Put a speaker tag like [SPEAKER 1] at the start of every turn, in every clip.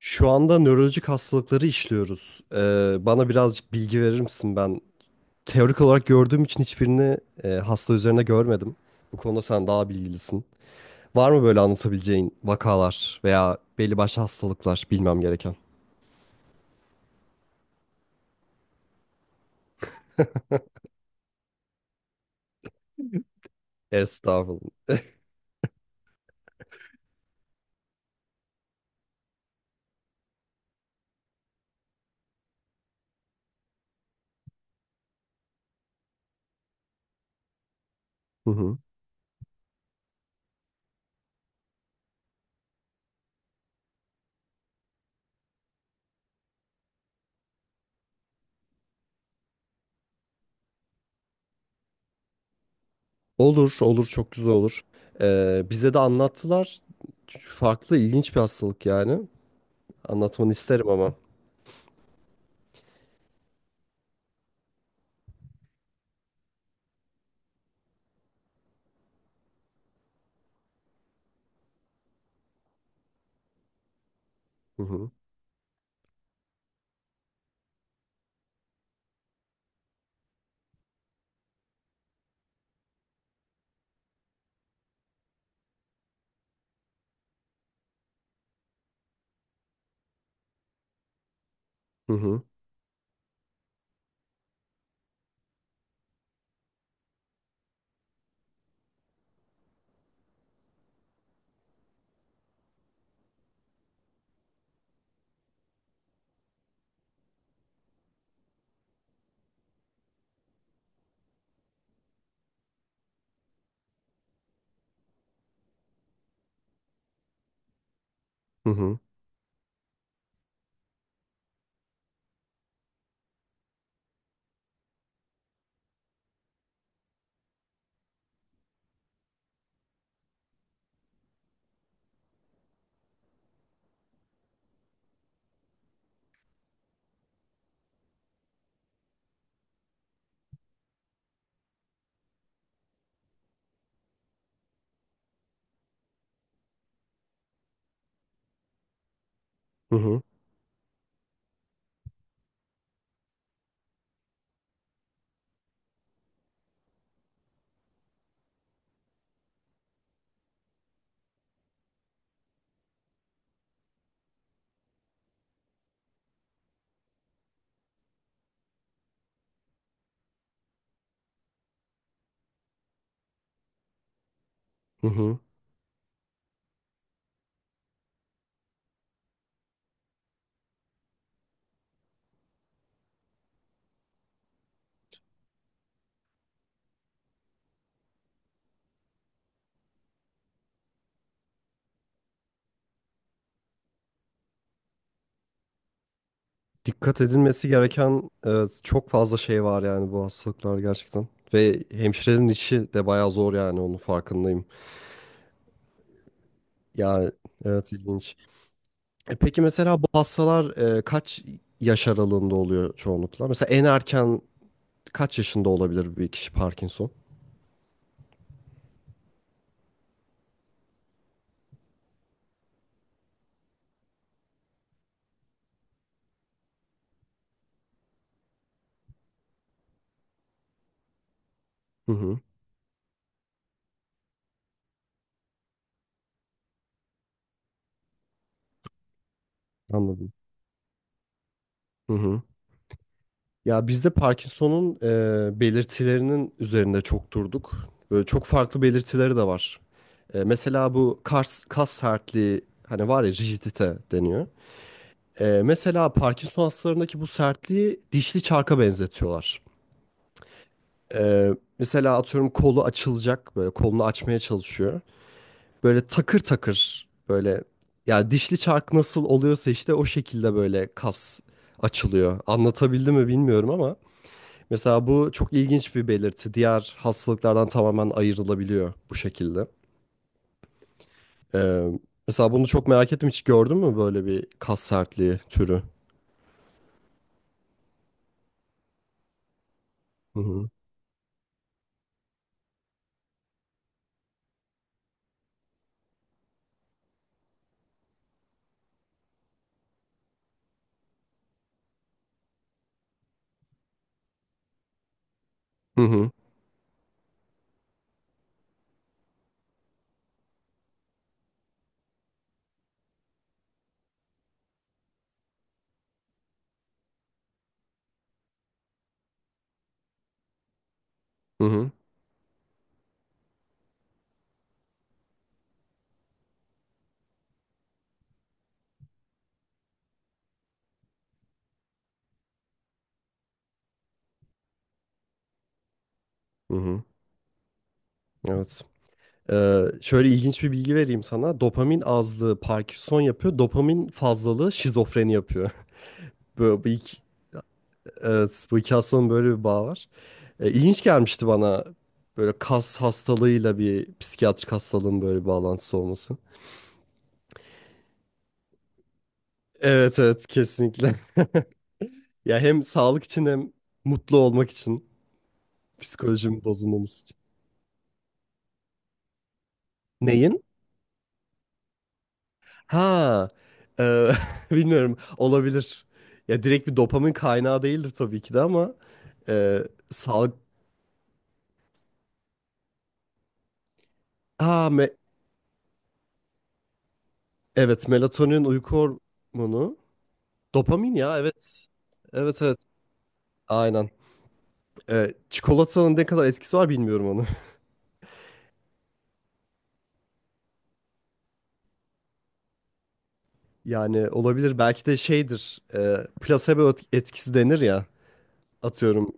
[SPEAKER 1] Şu anda nörolojik hastalıkları işliyoruz. Bana birazcık bilgi verir misin? Ben teorik olarak gördüğüm için hiçbirini hasta üzerine görmedim. Bu konuda sen daha bilgilisin. Var mı böyle anlatabileceğin vakalar veya belli başlı hastalıklar bilmem gereken? Estağfurullah. Hı hı. Olur, olur çok güzel olur. Bize de anlattılar. Farklı, ilginç bir hastalık yani. Anlatmanı isterim ama. Hı hı. Hı hı. Hı hı. Hı hı. Hı hı. Dikkat edilmesi gereken çok fazla şey var yani bu hastalıklar gerçekten. Ve hemşirenin işi de bayağı zor yani onun farkındayım. Yani evet, ilginç. Peki mesela bu hastalar kaç yaş aralığında oluyor çoğunlukla? Mesela en erken kaç yaşında olabilir bir kişi Parkinson? Hı hı, anladım. Hı hı. Ya biz de Parkinson'un belirtilerinin üzerinde çok durduk. Böyle çok farklı belirtileri de var. Mesela bu kas sertliği hani var ya, rigidite deniyor. Mesela Parkinson hastalarındaki bu sertliği dişli çarka benzetiyorlar. E, Mesela atıyorum kolu açılacak, böyle kolunu açmaya çalışıyor. Böyle takır takır böyle, ya dişli çark nasıl oluyorsa işte o şekilde böyle kas açılıyor. Anlatabildim mi bilmiyorum ama. Mesela bu çok ilginç bir belirti. Diğer hastalıklardan tamamen ayrılabiliyor bu şekilde. Ee, Mesela bunu çok merak ettim. Hiç gördün mü böyle bir kas sertliği türü? Hı hı. Hı hı. Hı hı. Hı hı. Evet. Şöyle ilginç bir bilgi vereyim sana. Dopamin azlığı Parkinson yapıyor. Dopamin fazlalığı şizofreni yapıyor. Böyle bu iki, evet, bu iki hastalığın böyle bir bağı var. İlginç gelmişti bana böyle kas hastalığıyla bir psikiyatrik hastalığın böyle bir bağlantısı olması. Evet evet, kesinlikle. Ya hem sağlık için hem mutlu olmak için, psikolojim bozulmamız için. Neyin? Ha, e, bilmiyorum, olabilir. Ya direkt bir dopamin kaynağı değildir tabii ki de ama e, sağlık. Ha, evet melatonin uyku hormonu. Dopamin ya, evet. Evet evet, aynen. Çikolatanın ne kadar etkisi var bilmiyorum onu. Yani olabilir, belki de şeydir, plasebo etkisi denir ya, atıyorum.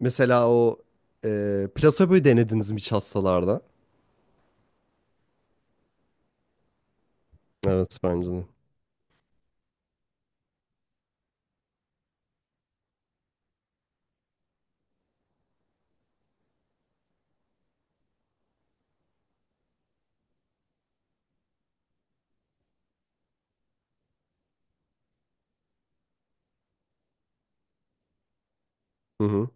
[SPEAKER 1] Mesela o plasebo'yu denediniz mi hiç hastalarda? Evet bence de. Hı hı.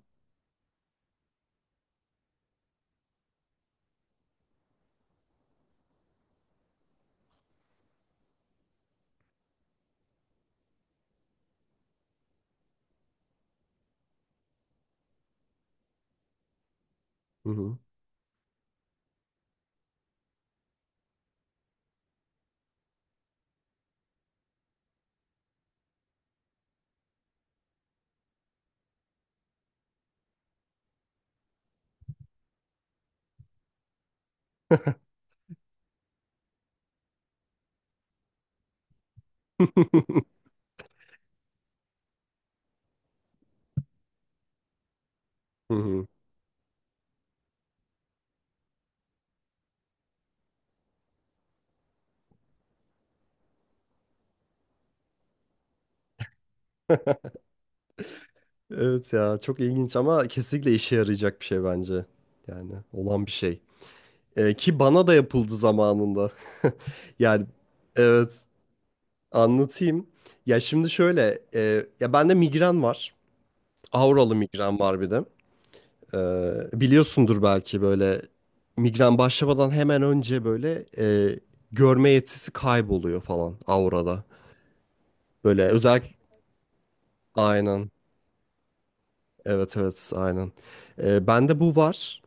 [SPEAKER 1] Hı hı. Hı hı. Evet ya, çok ilginç ama kesinlikle işe yarayacak bir şey bence. Yani olan bir şey. Ki bana da yapıldı zamanında. Yani evet, anlatayım. Ya şimdi şöyle, ya bende migren var. Auralı migren var bir de. Biliyorsundur belki, böyle migren başlamadan hemen önce böyle görme yetisi kayboluyor falan aurada. Böyle özel, aynen. Evet evet, aynen. Bende bu var.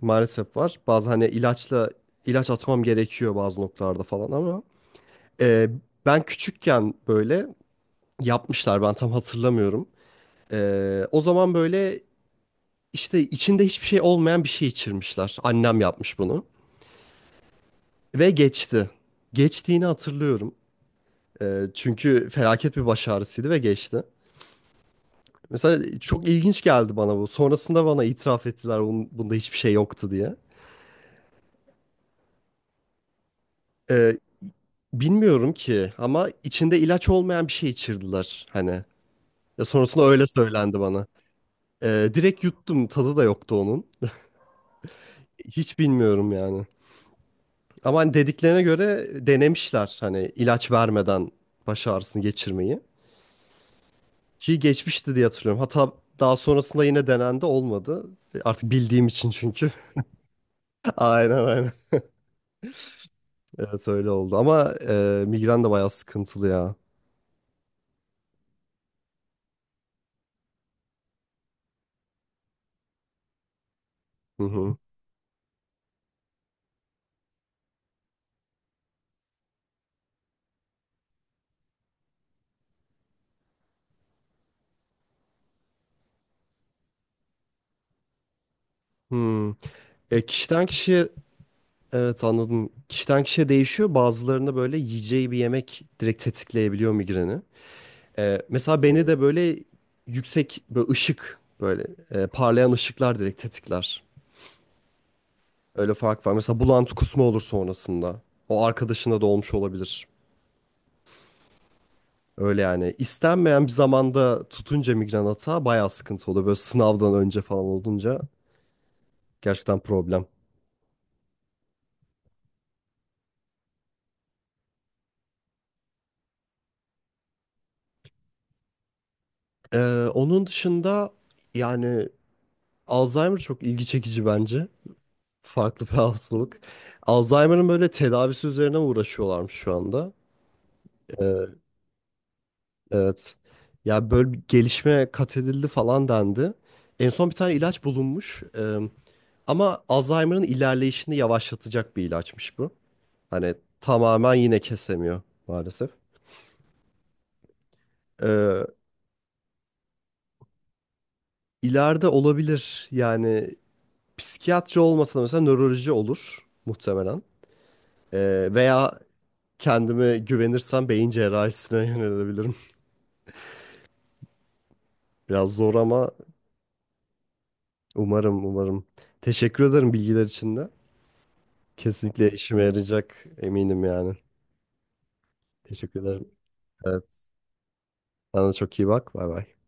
[SPEAKER 1] Maalesef var. Bazı hani ilaç atmam gerekiyor bazı noktalarda falan ama e, ben küçükken böyle yapmışlar, ben tam hatırlamıyorum. O zaman böyle işte içinde hiçbir şey olmayan bir şey içirmişler. Annem yapmış bunu. Ve geçti. Geçtiğini hatırlıyorum. Çünkü felaket bir baş ağrısıydı ve geçti. Mesela çok ilginç geldi bana bu. Sonrasında bana itiraf ettiler bunda hiçbir şey yoktu diye. Ee, Bilmiyorum ki ama içinde ilaç olmayan bir şey içirdiler hani. Ya sonrasında öyle söylendi bana. Direkt yuttum, tadı da yoktu onun. Hiç bilmiyorum yani. Ama hani dediklerine göre denemişler, hani ilaç vermeden baş ağrısını geçirmeyi. Ki geçmişti diye hatırlıyorum. Hatta daha sonrasında yine denendi, olmadı. Artık bildiğim için çünkü. Aynen aynen. Evet öyle oldu. Ama migren de bayağı sıkıntılı ya. Hı hı. Hmm. E, kişiden kişiye evet anladım. Kişiden kişiye değişiyor. Bazılarında böyle yiyeceği bir yemek direkt tetikleyebiliyor migreni. Mesela beni de böyle yüksek böyle ışık, böyle parlayan ışıklar direkt tetikler. Öyle fark var. Mesela bulantı kusma olur sonrasında. O arkadaşında da olmuş olabilir. Öyle yani, istenmeyen bir zamanda tutunca migren atağı bayağı sıkıntı oluyor. Böyle sınavdan önce falan olunca gerçekten problem. Onun dışında yani Alzheimer çok ilgi çekici bence. Farklı bir hastalık. Alzheimer'ın böyle tedavisi üzerine uğraşıyorlarmış şu anda. Ee, evet. Ya böyle bir gelişme kat edildi falan dendi. En son bir tane ilaç bulunmuş. Ama Alzheimer'ın ilerleyişini yavaşlatacak bir ilaçmış bu. Hani tamamen yine kesemiyor maalesef. Ee, ileride olabilir yani, psikiyatri olmasa da mesela nöroloji olur muhtemelen. Veya kendime güvenirsem beyin cerrahisine yönelebilirim. Biraz zor ama umarım umarım. Teşekkür ederim bilgiler için de. Kesinlikle işime yarayacak, eminim yani. Teşekkür ederim. Evet, sana da çok iyi bak. Bay bay.